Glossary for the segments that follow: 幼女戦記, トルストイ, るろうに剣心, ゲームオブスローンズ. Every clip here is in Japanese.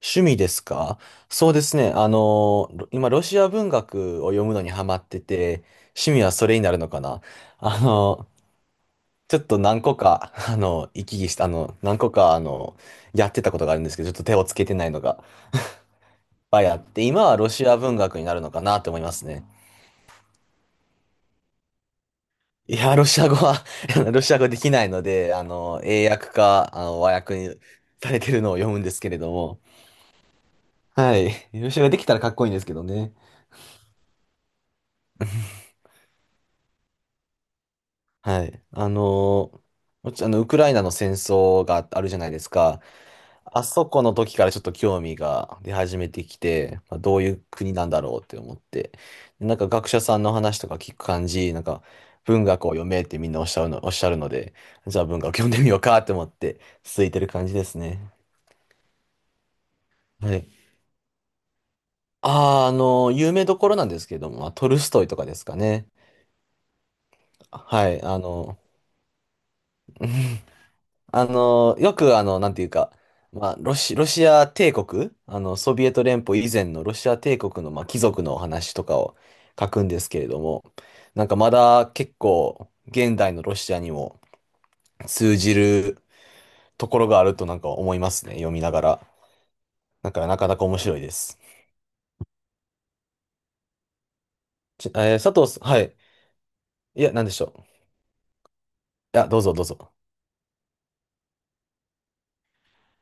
趣味ですか？そうですね。今、ロシア文学を読むのにハマってて、趣味はそれになるのかな。あの、ちょっと何個か、行き来した、何個か、やってたことがあるんですけど、ちょっと手をつけてないのが、いっぱいあって、今はロシア文学になるのかなと思いますね。いや、ロシア語は ロシア語できないので、英訳か、和訳にされてるのを読むんですけれども、はい。ロシア語できたらかっこいいんですけどね。はい。もちあの、ウクライナの戦争があるじゃないですか。あそこの時からちょっと興味が出始めてきて、まあ、どういう国なんだろうって思って。でなんか学者さんの話とか聞く感じ、なんか文学を読めってみんなおっしゃるの、おっしゃるので、じゃあ文学読んでみようかって思って続いてる感じですね。はい。あー、有名どころなんですけども、まあトルストイとかですかね。はい。よくなんていうか、まあ、ロシア帝国、ソビエト連邦以前のロシア帝国の、まあ、貴族のお話とかを書くんですけれども、なんかまだ結構現代のロシアにも通じるところがあるとなんか思いますね、読みながら。だからなかなか面白いです。ちえー佐藤さん、はい。いや、なんでしょう。いや、どうぞどうぞ。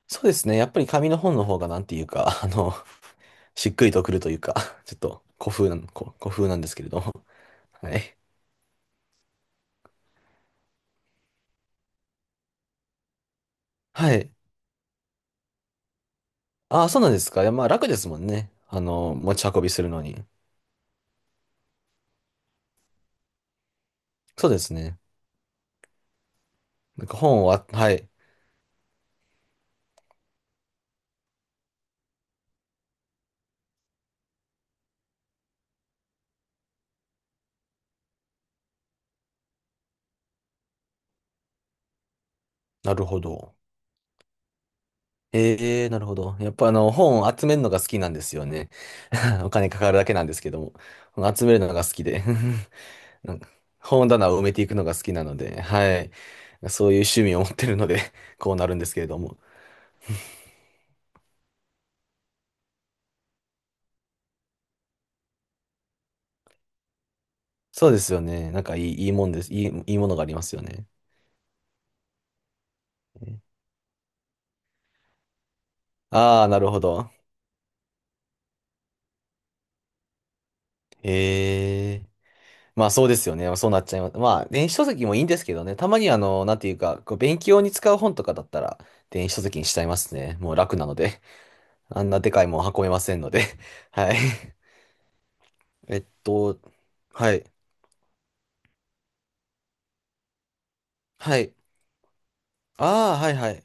そうですね、やっぱり紙の本の方がなんていうか、しっくりとくるというか、ちょっと古風なんですけれども。はい。はい。ああ、そうなんですか。いや、まあ楽ですもんね。持ち運びするのに。そうですね。なんか本をあ、はい。なるほど。ええ、なるほど。やっぱ本を集めるのが好きなんですよね。お金かかるだけなんですけども。集めるのが好きで。なんか本棚を埋めていくのが好きなので、はい。そういう趣味を持ってるので、こうなるんですけれども。そうですよね。いいもんです。いいものがありますよね。ああ、なるほど。ええ。まあそうですよね。まあそうなっちゃいます。まあ電子書籍もいいんですけどね。たまになんていうか、こう勉強に使う本とかだったら電子書籍にしちゃいますね。もう楽なので。あんなでかいもん運べませんので。はい。えっと、はい。はい。ああ、はいはい。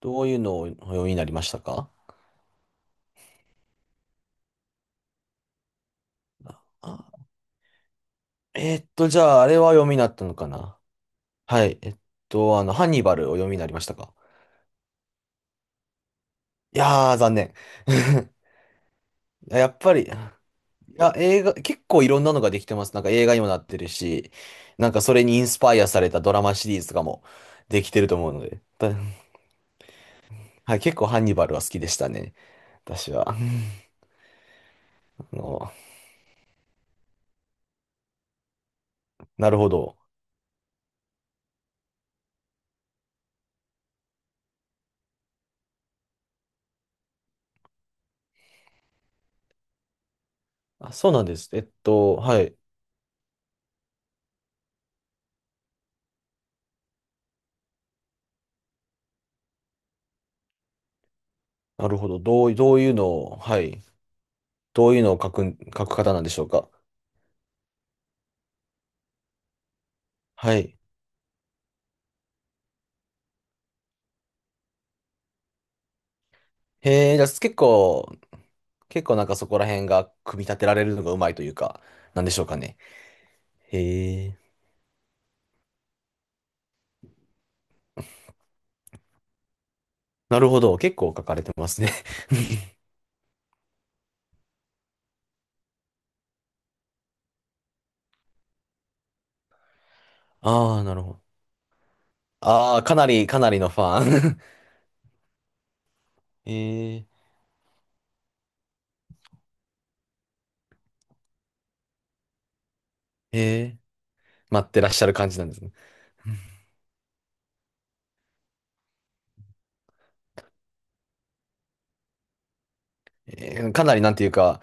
どういうのをお読みになりましたか？あ、じゃああれは読みになったのかな？はい。ハンニバルを読みになりましたか？いやー、残念。やっぱり。いや、映画、結構いろんなのができてます。なんか映画にもなってるし、なんかそれにインスパイアされたドラマシリーズとかもできてると思うので、だ はい、結構ハンニバルは好きでしたね。私は。あの、なるほど。あ、そうなんです。はい。なるほど。どう、どういうのを、はい。どういうのを書く、書く方なんでしょうか。はい。へえ、じゃあ結構、結構なんかそこら辺が組み立てられるのがうまいというか、なんでしょうかね。へえ。なるほど。結構書かれてますね。ああ、なるほど。ああ、かなり、かなりのファン。えー、えー、待ってらっしゃる感じなんですね。えー、かなりなんていうか、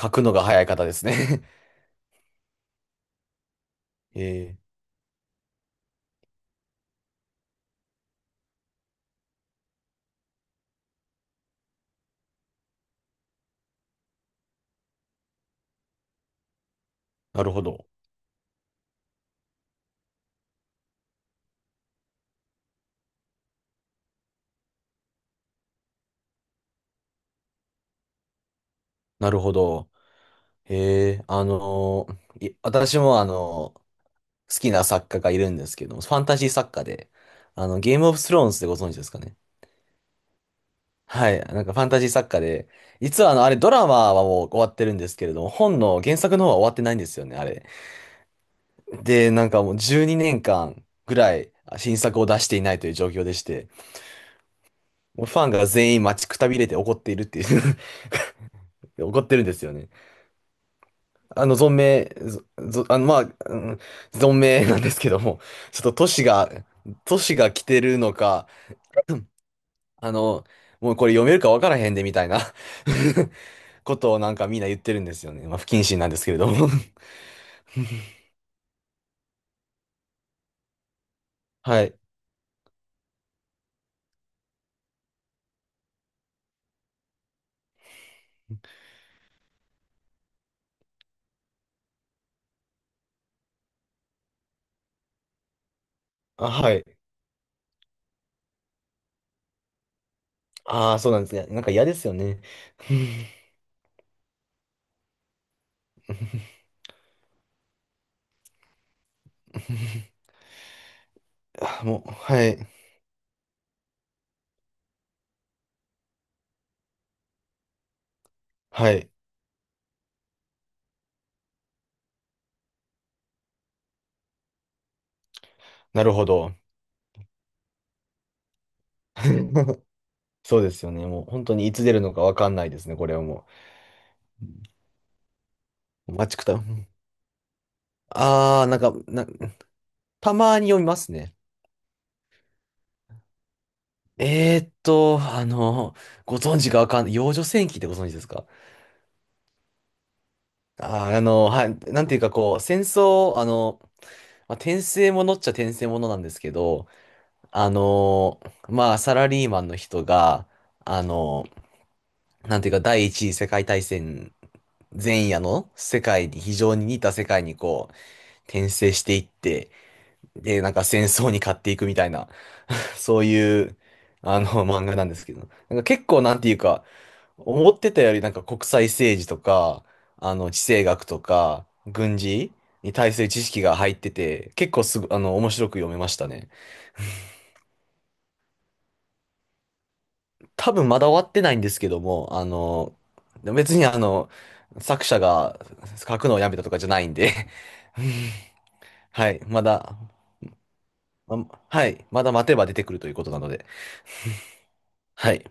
書くのが早い方ですね。えー、なるほど。なるほど。えー、私も好きな作家がいるんですけども、ファンタジー作家で、ゲームオブスローンズでご存知ですかね。はい、なんかファンタジー作家で、実はあれドラマはもう終わってるんですけれども、本の原作の方は終わってないんですよね、あれ。で、なんかもう12年間ぐらい新作を出していないという状況でして、もうファンが全員待ちくたびれて怒っているっていう 怒ってるんですよね。存命、ぞぞあの、まあ、うん、存命なんですけども、ちょっと年が来てるのか、あの、もうこれ読めるかわからへんでみたいな ことをなんかみんな言ってるんですよね。まあ、不謹慎なんですけれども はい。あ、はい。ああ、そうなんですね。なんか嫌ですよね。あもう、はい。はい。なるほど。そうですよね。もう本当にいつ出るのかわかんないですね、これはもう。お待ちくた。あー、たまに読みますね。えーっと、あの、ご存知かわかんない。幼女戦記ってご存知ですか？あー、はい、なんていうかこう、戦争、まあ、転生ものっちゃ転生ものなんですけど、あの、まあ、サラリーマンの人が、あの、なんていうか、第一次世界大戦前夜の世界に、非常に似た世界にこう、転生していって、で、なんか戦争に勝っていくみたいな、そういう、漫画なんですけど、なんか結構なんていうか、思ってたよりなんか国際政治とか、地政学とか、軍事に対する知識が入ってて、結構すぐ、面白く読めましたね。多分まだ終わってないんですけども、別に作者が書くのをやめたとかじゃないんで はい、まだま、はい。まだ待てば出てくるということなので。はい。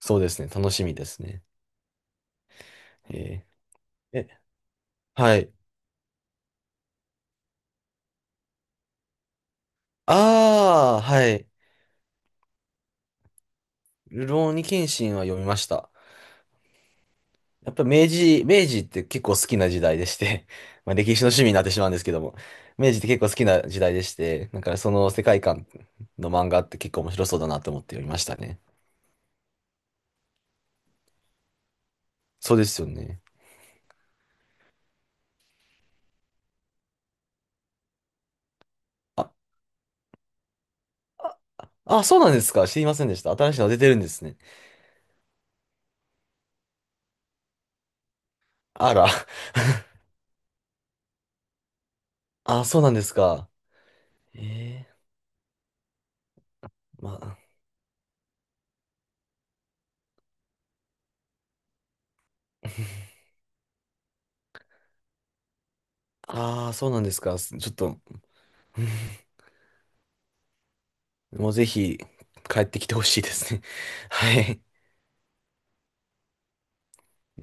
そうですね。楽しみですね。えーえ、はい。ああ、はい。るろうに剣心は読みました。やっぱ明治、明治って結構好きな時代でして まあ歴史の趣味になってしまうんですけども、明治って結構好きな時代でして、だからその世界観の漫画って結構面白そうだなと思って読みましたね。そうですよね。あ、あ、そうなんですか。知りませんでした。新しいの出てるんですね。あら。あ、そうなんですか。ええまあ、ああ、そうなんですか。ちょっと、うんもうぜひ帰ってきてほしいですね。はい。